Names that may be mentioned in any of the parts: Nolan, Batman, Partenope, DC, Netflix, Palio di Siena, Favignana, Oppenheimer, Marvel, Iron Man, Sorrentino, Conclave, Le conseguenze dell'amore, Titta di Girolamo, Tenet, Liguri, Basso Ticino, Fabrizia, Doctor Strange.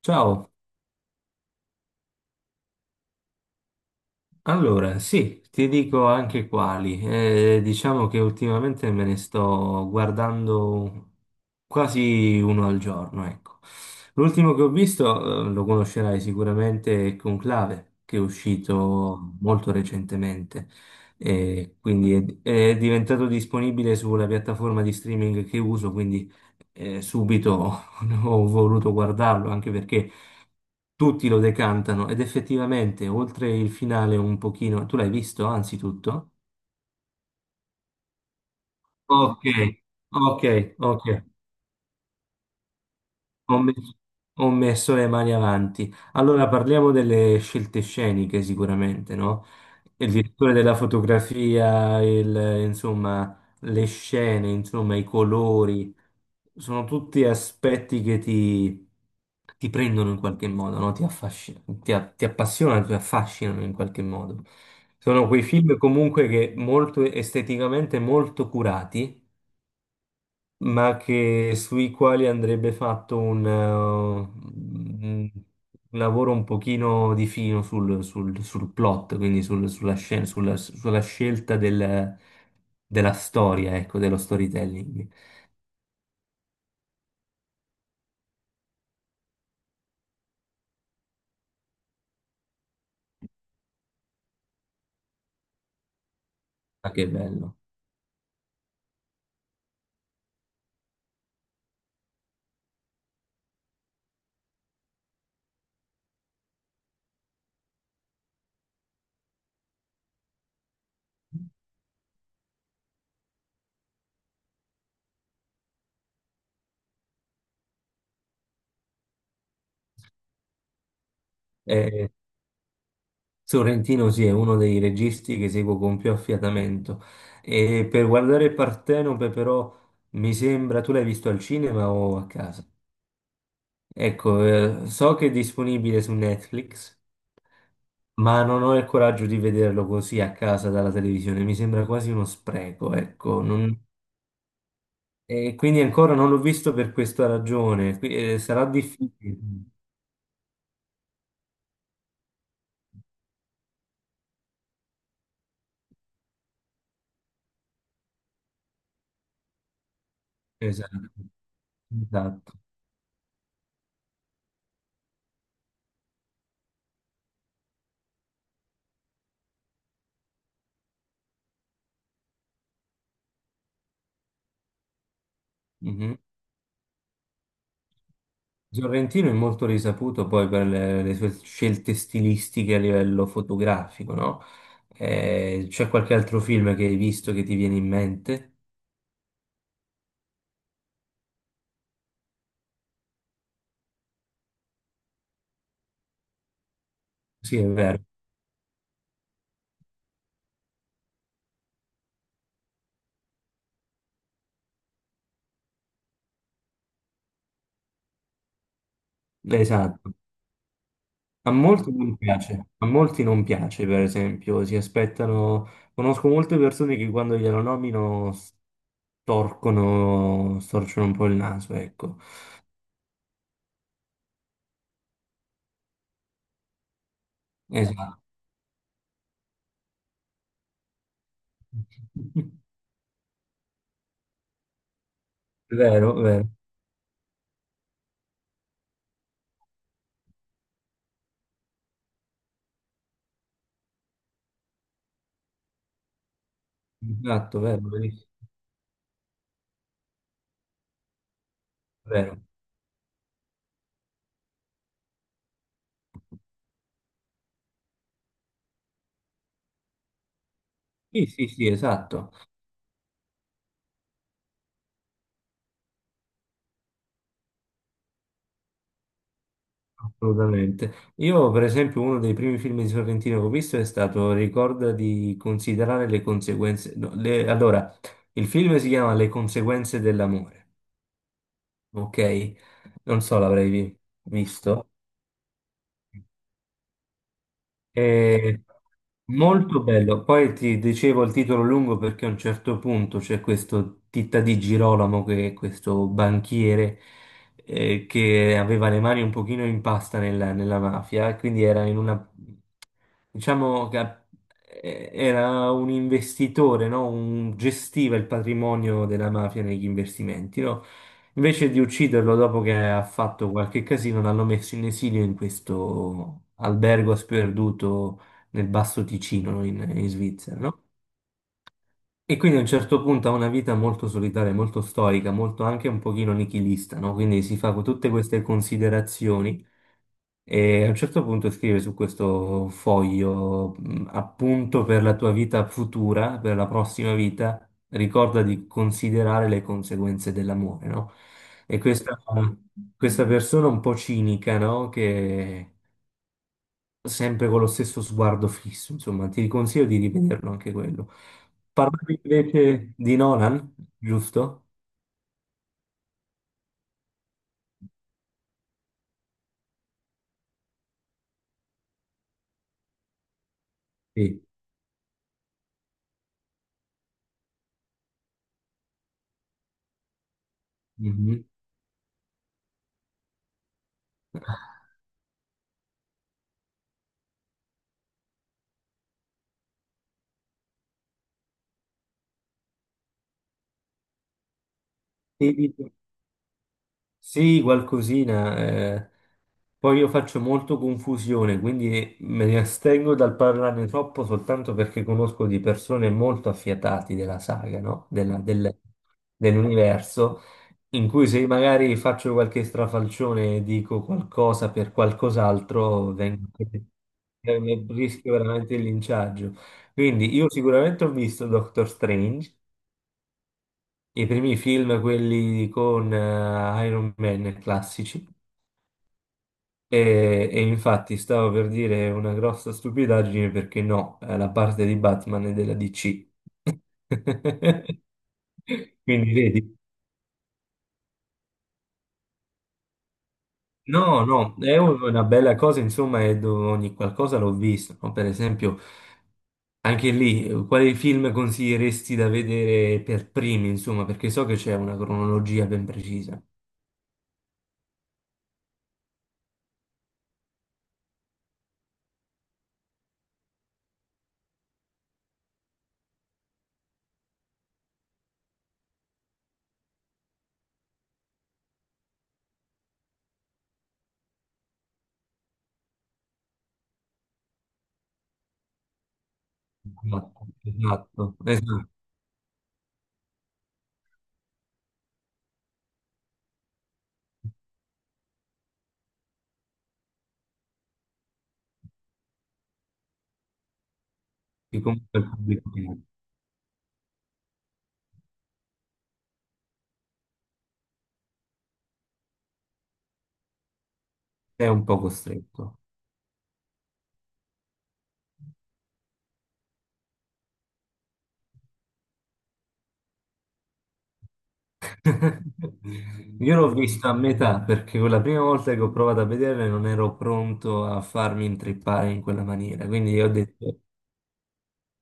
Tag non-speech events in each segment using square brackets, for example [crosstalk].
Ciao, allora sì, ti dico anche quali. Diciamo che ultimamente me ne sto guardando quasi uno al giorno, ecco. L'ultimo che ho visto, lo conoscerai sicuramente, è Conclave, che è uscito molto recentemente. E quindi è diventato disponibile sulla piattaforma di streaming che uso, quindi subito [laughs] ho voluto guardarlo anche perché tutti lo decantano ed effettivamente oltre il finale un pochino, tu l'hai visto anzitutto? Ok, ok, ok. Ho messo, ho messo le mani avanti. Allora parliamo delle scelte sceniche sicuramente, no? Il direttore della fotografia, insomma, le scene, insomma, i colori, sono tutti aspetti ti prendono in qualche modo, no? Ti appassionano, ti affascinano in qualche modo. Sono quei film comunque che molto esteticamente molto curati ma che, sui quali andrebbe fatto un lavoro un pochino di fino sul plot, quindi sulla scelta della storia, ecco, dello storytelling. Ma che bello. Eh, Sorrentino sì, è uno dei registi che seguo con più affiatamento. E per guardare Partenope però mi sembra, tu l'hai visto al cinema o a casa? Ecco, so che è disponibile su Netflix. Ma non ho il coraggio di vederlo così a casa dalla televisione, mi sembra quasi uno spreco, ecco. non- E quindi ancora non l'ho visto per questa ragione. Qui- sarà difficile. Esatto, esatto. Mhm. Sorrentino è molto risaputo poi per le sue scelte stilistiche a livello fotografico, no? C'è qualche altro film che hai visto che ti viene in mente? Sì, è vero. Esatto. A molti non piace, a molti non piace, per esempio, si aspettano, conosco molte persone che quando glielo nomino storcono un po' il naso, ecco. Esatto. [laughs] Vero, vero, esatto, vero, verissimo, vero. Sì, sì, sì, esatto, assolutamente. Io, per esempio, uno dei primi film di Sorrentino che ho visto è stato Ricorda di considerare le conseguenze. No, le- allora, il film si chiama Le conseguenze dell'amore. Ok, non so, l'avrei vi- visto. E... Molto bello. Poi ti dicevo il titolo lungo perché a un certo punto c'è questo Titta di Girolamo, che è questo banchiere che aveva le mani un pochino in pasta nella mafia, e quindi era in una, diciamo che a- era un investitore, no? Un, gestiva il patrimonio della mafia negli investimenti, no? Invece di ucciderlo dopo che ha fatto qualche casino, l'hanno messo in esilio in questo albergo sperduto nel Basso Ticino, in Svizzera, no? E quindi a un certo punto ha una vita molto solitaria, molto stoica, molto anche un pochino nichilista, no? Quindi si fa tutte queste considerazioni e a un certo punto scrive su questo foglio, appunto per la tua vita futura, per la prossima vita, ricorda di considerare le conseguenze dell'amore, no? E questa persona un po' cinica, no? Che sempre con lo stesso sguardo fisso, insomma, ti consiglio di rivederlo anche quello. Parlavi invece di Nolan, giusto? Sì. Mhm. Sì, sì, Sì, qualcosina. Poi io faccio molto confusione, quindi me ne astengo dal parlarne troppo soltanto perché conosco di persone molto affiatati della saga, no? Dell'universo, in cui se magari faccio qualche strafalcione e dico qualcosa per qualcos'altro, vengo... ne rischio veramente il linciaggio. Quindi io sicuramente ho visto Doctor Strange, i primi film, quelli con Iron Man classici. E infatti stavo per dire una grossa stupidaggine perché no, la parte di Batman è della DC. [laughs] Quindi vedi, no, no, è una bella cosa, insomma, e dove ogni qualcosa l'ho visto, no? Per esempio, anche lì, quali film consiglieresti da vedere per primi, insomma, perché so che c'è una cronologia ben precisa. Esatto, esatto, esatto, che comunque il pubblico è un po' costretto. [laughs] Io l'ho vista a metà perché quella prima volta che ho provato a vederla non ero pronto a farmi intrippare in quella maniera, quindi io ho detto,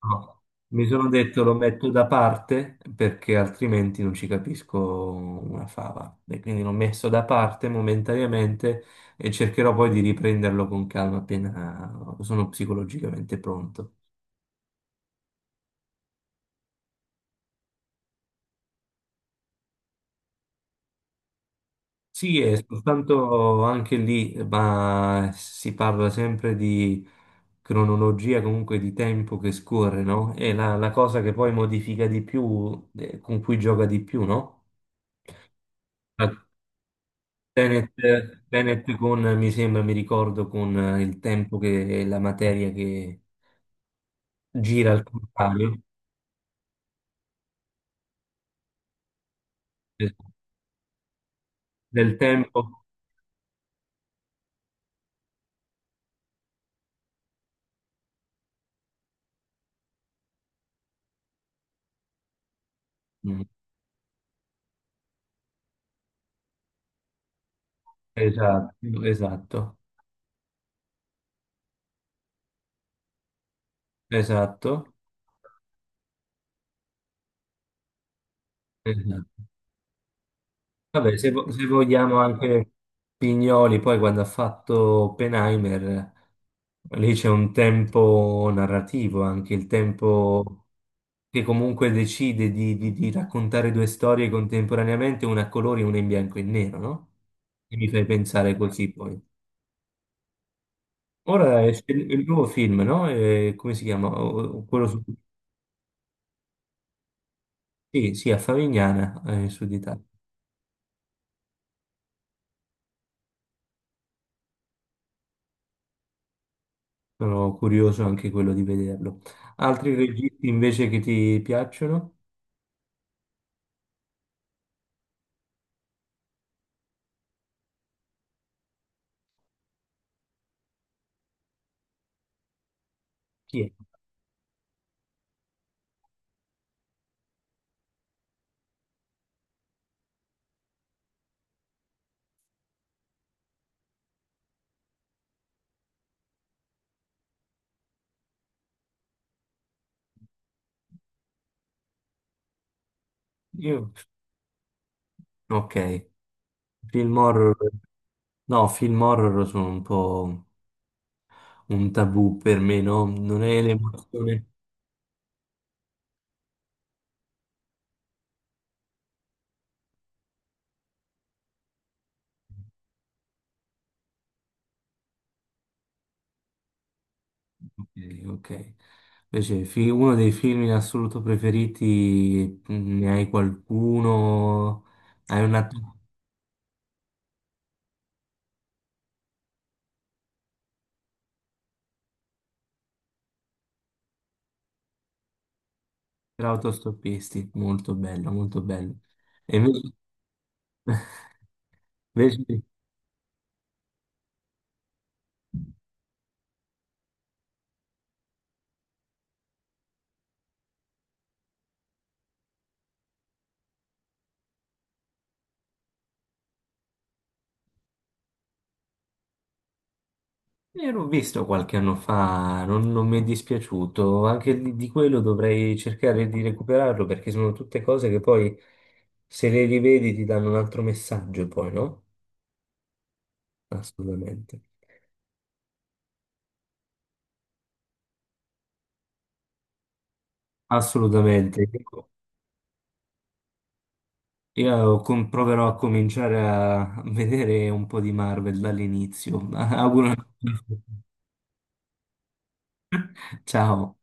no. Mi sono detto lo metto da parte perché altrimenti non ci capisco una fava. E quindi l'ho messo da parte momentaneamente e cercherò poi di riprenderlo con calma appena sono psicologicamente pronto. Sì, e soltanto anche lì, ma si parla sempre di cronologia, comunque di tempo che scorre, no? È la cosa che poi modifica di più, con cui gioca di più, no? La Tenet, Tenet con, mi sembra, mi ricordo, con il tempo che è la materia che gira al contrario, eh, del tempo. Mm, Esatto, esatto, esatto, esatto. Vabbè, se, vo- se vogliamo anche Pignoli, poi quando ha fatto Oppenheimer, lì c'è un tempo narrativo, anche il tempo che comunque decide di, di raccontare due storie contemporaneamente, una a colori e una in bianco e nero, no? E mi fai pensare così poi. Ora esce il nuovo film, no? Come si chiama? O- Quello su... Sì, sì, a Favignana, Sud Italia. Sono curioso anche quello di vederlo. Altri registi invece che ti piacciono? Sì, io- Ok, film horror, no, film horror sono un po' un tabù per me, no? Non è l'emozione. Ok, ok. Invece, fi- uno dei film in assoluto preferiti, mm, ne hai qualcuno? Hai una per autostoppisti, molto bello, molto bello. E invece, [laughs] invece Io l'ho visto qualche anno fa, non, non mi è dispiaciuto, anche di quello dovrei cercare di recuperarlo perché sono tutte cose che poi se le rivedi ti danno un altro messaggio poi, no? Assolutamente. Assolutamente. Ecco, Io com- proverò a cominciare a vedere un po' di Marvel dall'inizio. [laughs] Auguro. Ciao.